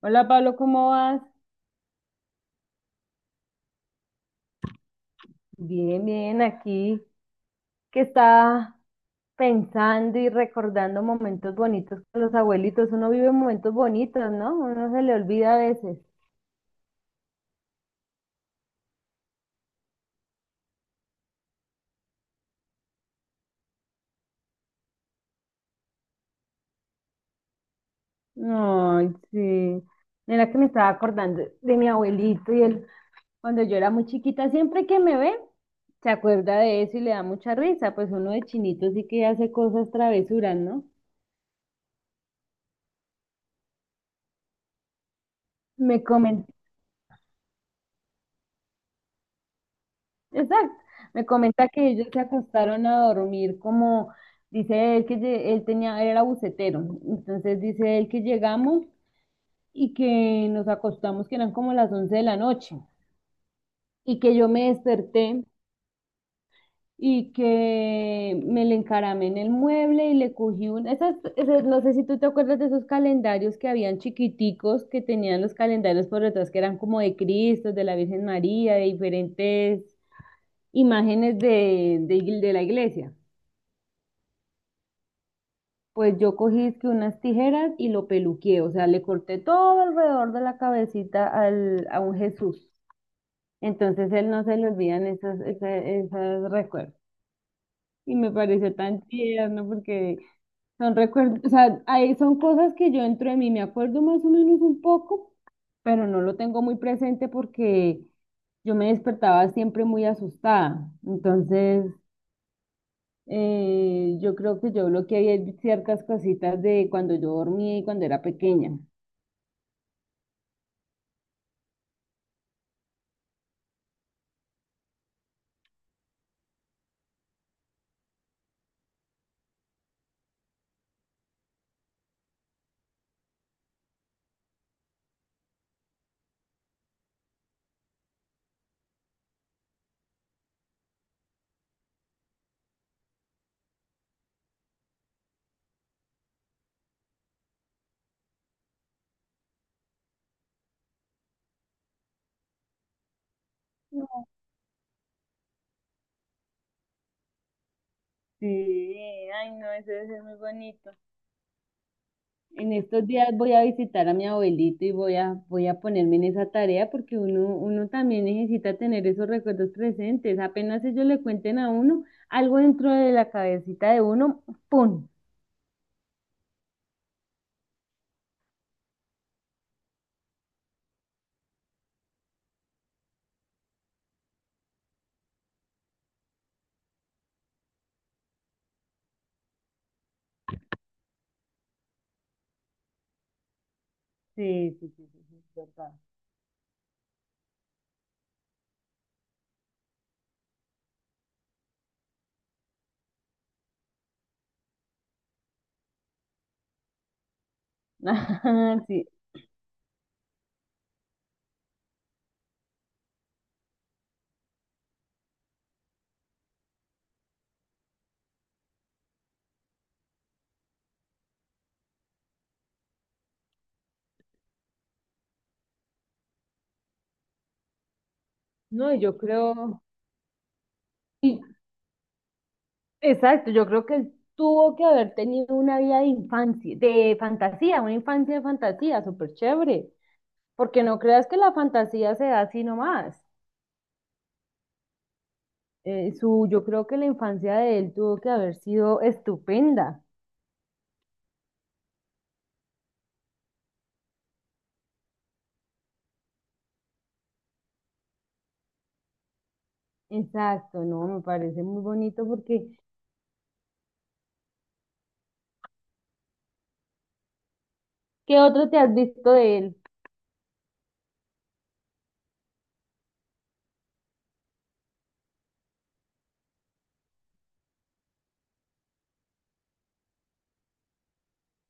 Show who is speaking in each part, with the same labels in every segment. Speaker 1: Hola Pablo, ¿cómo vas? Bien, bien, aquí que está pensando y recordando momentos bonitos con los abuelitos. Uno vive momentos bonitos, ¿no? Uno se le olvida a veces. Ay, sí. Mira que me estaba acordando de mi abuelito y él, cuando yo era muy chiquita, siempre que me ve, se acuerda de eso y le da mucha risa. Pues uno de chinito sí que hace cosas travesuras, ¿no? Me comen Exacto. Me comenta que ellos se acostaron a dormir como, dice él que él tenía, era bucetero. Entonces dice él que llegamos y que nos acostamos, que eran como las 11 de la noche, y que yo me desperté y que me le encaramé en el mueble y le cogí un, no sé si tú te acuerdas de esos calendarios que habían chiquiticos, que tenían los calendarios por detrás, que eran como de Cristo, de la Virgen María, de diferentes imágenes de la iglesia. Pues yo cogí es que unas tijeras y lo peluqué, o sea, le corté todo alrededor de la cabecita a un Jesús. Entonces él no se le olvidan esas recuerdos. Y me pareció tan tierno porque son recuerdos, o sea, ahí son cosas que yo dentro de mí me acuerdo más o menos un poco, pero no lo tengo muy presente porque yo me despertaba siempre muy asustada. Entonces, yo creo que yo bloqueé ciertas cositas de cuando yo dormía y cuando era pequeña. Sí, ay no, eso debe ser muy bonito. En estos días voy a visitar a mi abuelito y voy a ponerme en esa tarea porque uno también necesita tener esos recuerdos presentes. Apenas ellos le cuenten a uno algo dentro de la cabecita de uno, ¡pum! Sí, sí, sí, sí, sí, es verdad. Sí, no, yo creo. y Exacto, yo creo que él tuvo que haber tenido una vida de infancia, de fantasía, una infancia de fantasía, súper chévere, porque no creas que la fantasía se da así nomás. Yo creo que la infancia de él tuvo que haber sido estupenda. Exacto, no, me parece muy bonito porque ¿qué otro te has visto de él?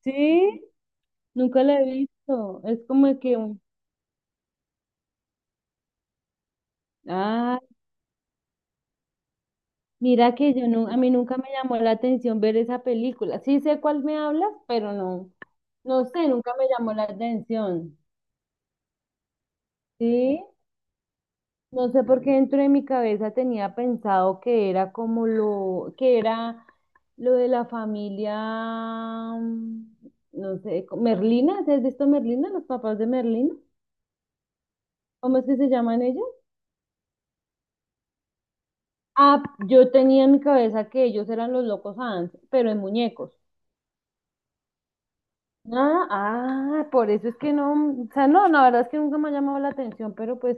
Speaker 1: Sí, nunca lo he visto. Es como que, un- Ah, mira que yo no, a mí nunca me llamó la atención ver esa película. Sí sé cuál me hablas, pero no. No sé, nunca me llamó la atención, ¿sí? No sé por qué dentro de mi cabeza tenía pensado que que era lo de la familia, mm, no sé, Merlina, ¿sí? ¿Has visto Merlina? Los papás de Merlina, ¿cómo es que se llaman ellos? Ah, yo tenía en mi cabeza que ellos eran los locos Adams, pero en muñecos. Ah, ah, por eso es que no, o sea, no, la verdad es que nunca me ha llamado la atención, pero pues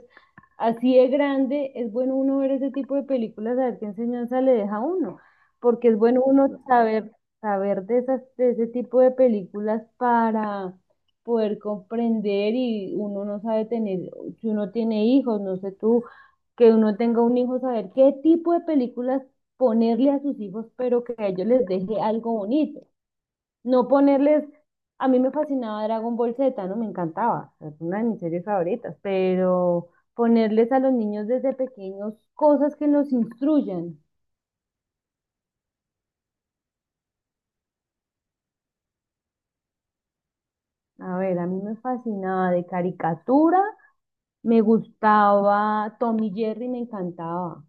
Speaker 1: así de grande es bueno uno ver ese tipo de películas, a ver qué enseñanza le deja a uno, porque es bueno uno saber, saber de esas, de ese tipo de películas para poder comprender y uno no sabe tener, si uno tiene hijos, no sé tú, que uno tenga un hijo, saber qué tipo de películas ponerle a sus hijos, pero que a ellos les deje algo bonito. No ponerles, a mí me fascinaba Dragon Ball Z, ¿no? Me encantaba, es una de mis series favoritas, pero ponerles a los niños desde pequeños cosas que los instruyan. A ver, a mí me fascinaba de caricatura, me gustaba Tom y Jerry, me encantaba.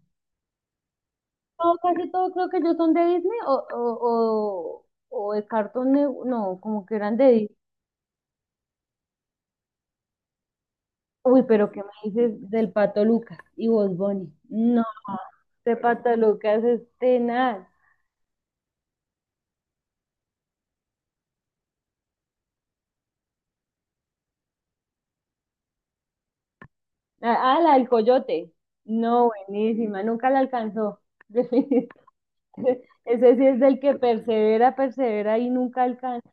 Speaker 1: Todo, casi todo creo que ellos son de Disney o de Cartoon Network, no, como que eran de Disney. Uy, pero ¿qué me dices del Pato Lucas y Bugs Bunny? No, este Pato Lucas es tenaz. Ah, la del coyote. No, buenísima, nunca la alcanzó. Ese sí es del que persevera, persevera y nunca alcanza.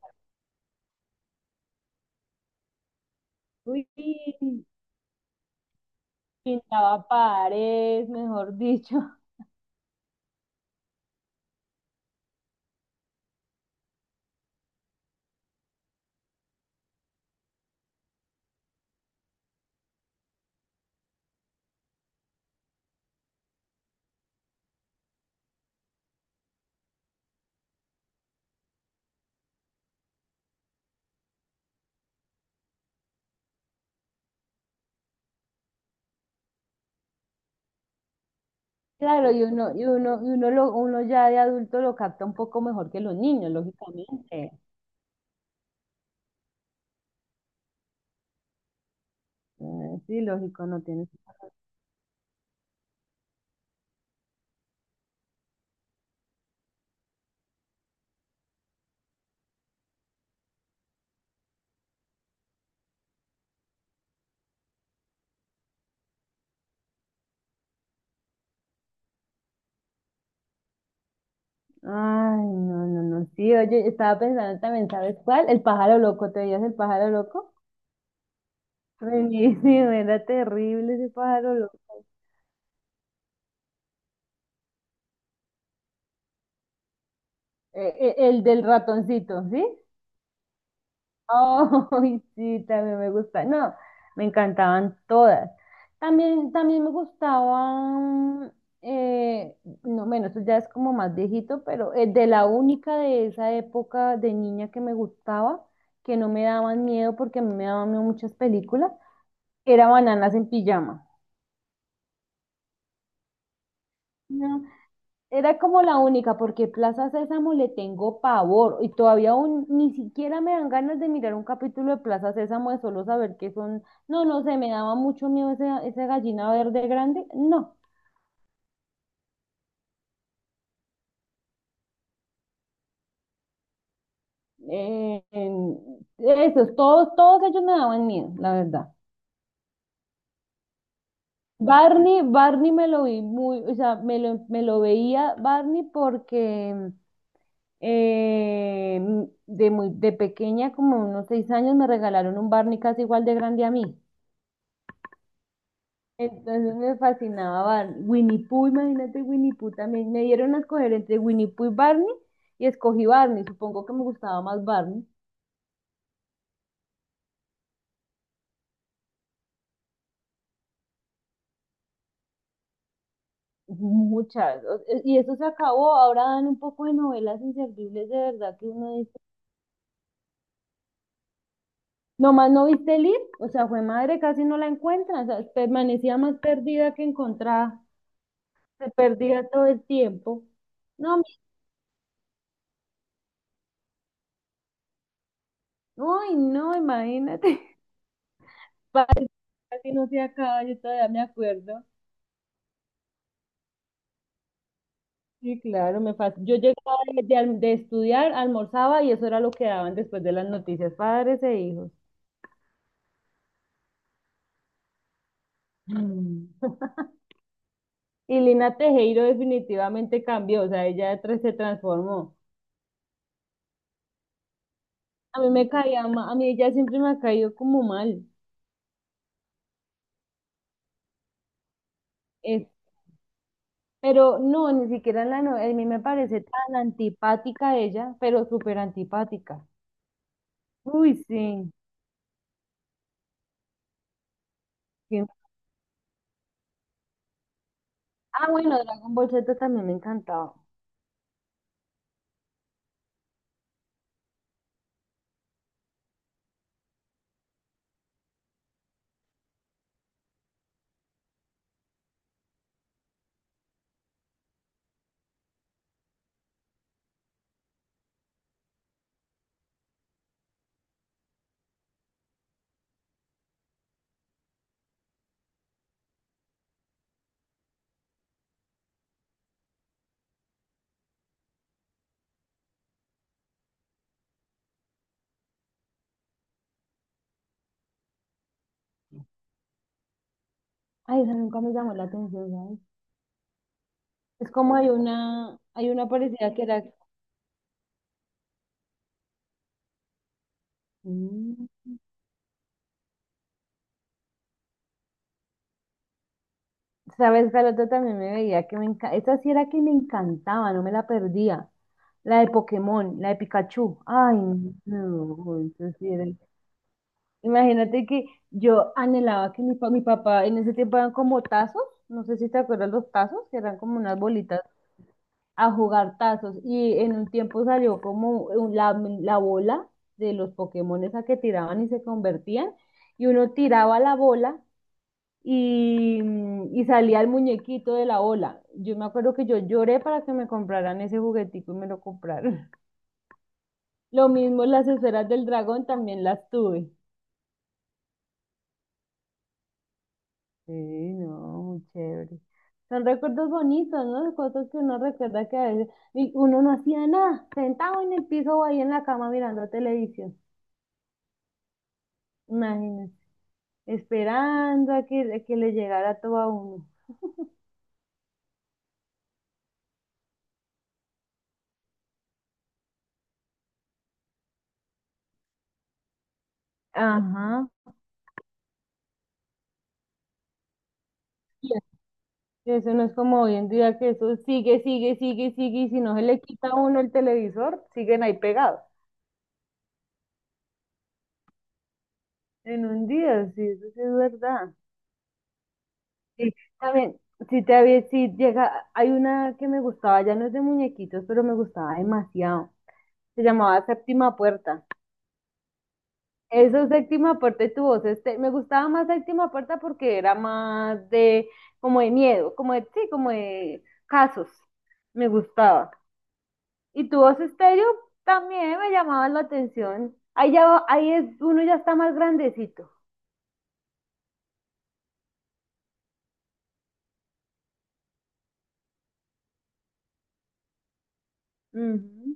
Speaker 1: Uy, pintaba paredes, mejor dicho. Claro, y uno lo, uno ya de adulto lo capta un poco mejor que los niños, lógicamente. Ah, sí, lógico, no tiene. Ay, no, no, no. Sí, oye, estaba pensando también, ¿sabes cuál? El pájaro loco, ¿te veías el pájaro loco? Buenísimo, era terrible ese pájaro loco. El del ratoncito, ¿sí? Ay, sí, también me gusta. No, me encantaban todas. También me gustaban, eh, no, bueno, eso ya es como más viejito, pero de la única de esa época de niña que me gustaba, que no me daban miedo porque a mí me daban miedo muchas películas, era Bananas en Pijama. Era como la única, porque Plaza Sésamo le tengo pavor y todavía aún ni siquiera me dan ganas de mirar un capítulo de Plaza Sésamo de solo saber que son, no, no sé, me daba mucho miedo ese gallina verde grande, no, eh, en- esos, todos, todos ellos me daban miedo, la verdad. Barney me lo vi muy, o sea, me lo veía Barney porque eh, de pequeña, como unos 6 años, me regalaron un Barney casi igual de grande a mí. Entonces me fascinaba Barney. Winnie Pooh, imagínate Winnie Pooh también. Me dieron a escoger entre Winnie Pooh y Barney y escogí Barney. Supongo que me gustaba más Barney. Muchas. Y eso se acabó. Ahora dan un poco de novelas inservibles de verdad que uno dice. Nomás no viste Lid, o sea, fue madre, casi no la encuentran. O sea, permanecía más perdida que encontrada. Se perdía todo el tiempo. No, uy, no, imagínate. Padre, Casi no se acaba, yo todavía me acuerdo. Sí, claro, yo llegaba de estudiar, almorzaba y eso era lo que daban después de las noticias, padres e hijos. Mm. Y Lina Tejero definitivamente cambió, o sea, ella de tres se transformó. A mí me caía a mí ella siempre me ha caído como mal. Es- pero no, ni siquiera en la novela, a mí me parece tan antipática ella, pero súper antipática. Uy, sí, sí. Ah, bueno, Dragon Ball Z también me encantaba. Ay, esa nunca me llamó la atención, ¿sabes? Es como hay una parecida que era, mm, ¿sabes? La otra también me veía que me encantaba. Esa sí era que me encantaba, no me la perdía. La de Pokémon, la de Pikachu. Ay, no, eso sí era- Imagínate que yo anhelaba que mi papá, en ese tiempo eran como tazos, no sé si te acuerdas los tazos, que eran como unas bolitas a jugar tazos. Y en un tiempo salió como la bola de los Pokémon esa que tiraban y se convertían y uno tiraba la bola y, y salía el muñequito de la ola. Yo me acuerdo que yo lloré para que me compraran ese juguetico y me lo compraron. Lo mismo las esferas del dragón también las tuve. Sí, no, muy chévere. Son recuerdos bonitos, ¿no? Cosas que uno recuerda que a veces y uno no hacía nada, sentado en el piso o ahí en la cama mirando televisión. Imagínense, esperando a a que le llegara todo a uno. Ajá. Eso no es como hoy en día que eso sigue, y si no se le quita a uno el televisor, siguen ahí pegados. En un día, sí, eso sí es verdad. Sí, también, si llega, hay una que me gustaba, ya no es de muñequitos, pero me gustaba demasiado. Se llamaba Séptima Puerta. Eso Séptima Puerta y tu voz, me gustaba más Séptima Puerta porque era más de, como de miedo, como de, sí, como de casos. Me gustaba. Y tu voz estéreo también me llamaba la atención. Ahí ya, ahí es, uno ya está más grandecito. Ujú.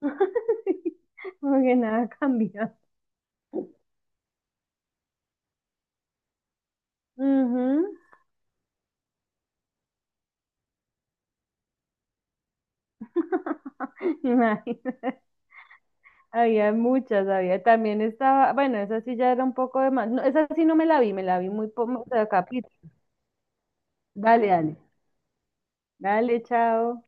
Speaker 1: Como que nada cambia. Ujú. Imagínate. Había muchas, había. También estaba, bueno, esa sí ya era un poco de más. No, esa sí no me la vi, me la vi muy poco capítulo. Dale, dale. Dale, chao.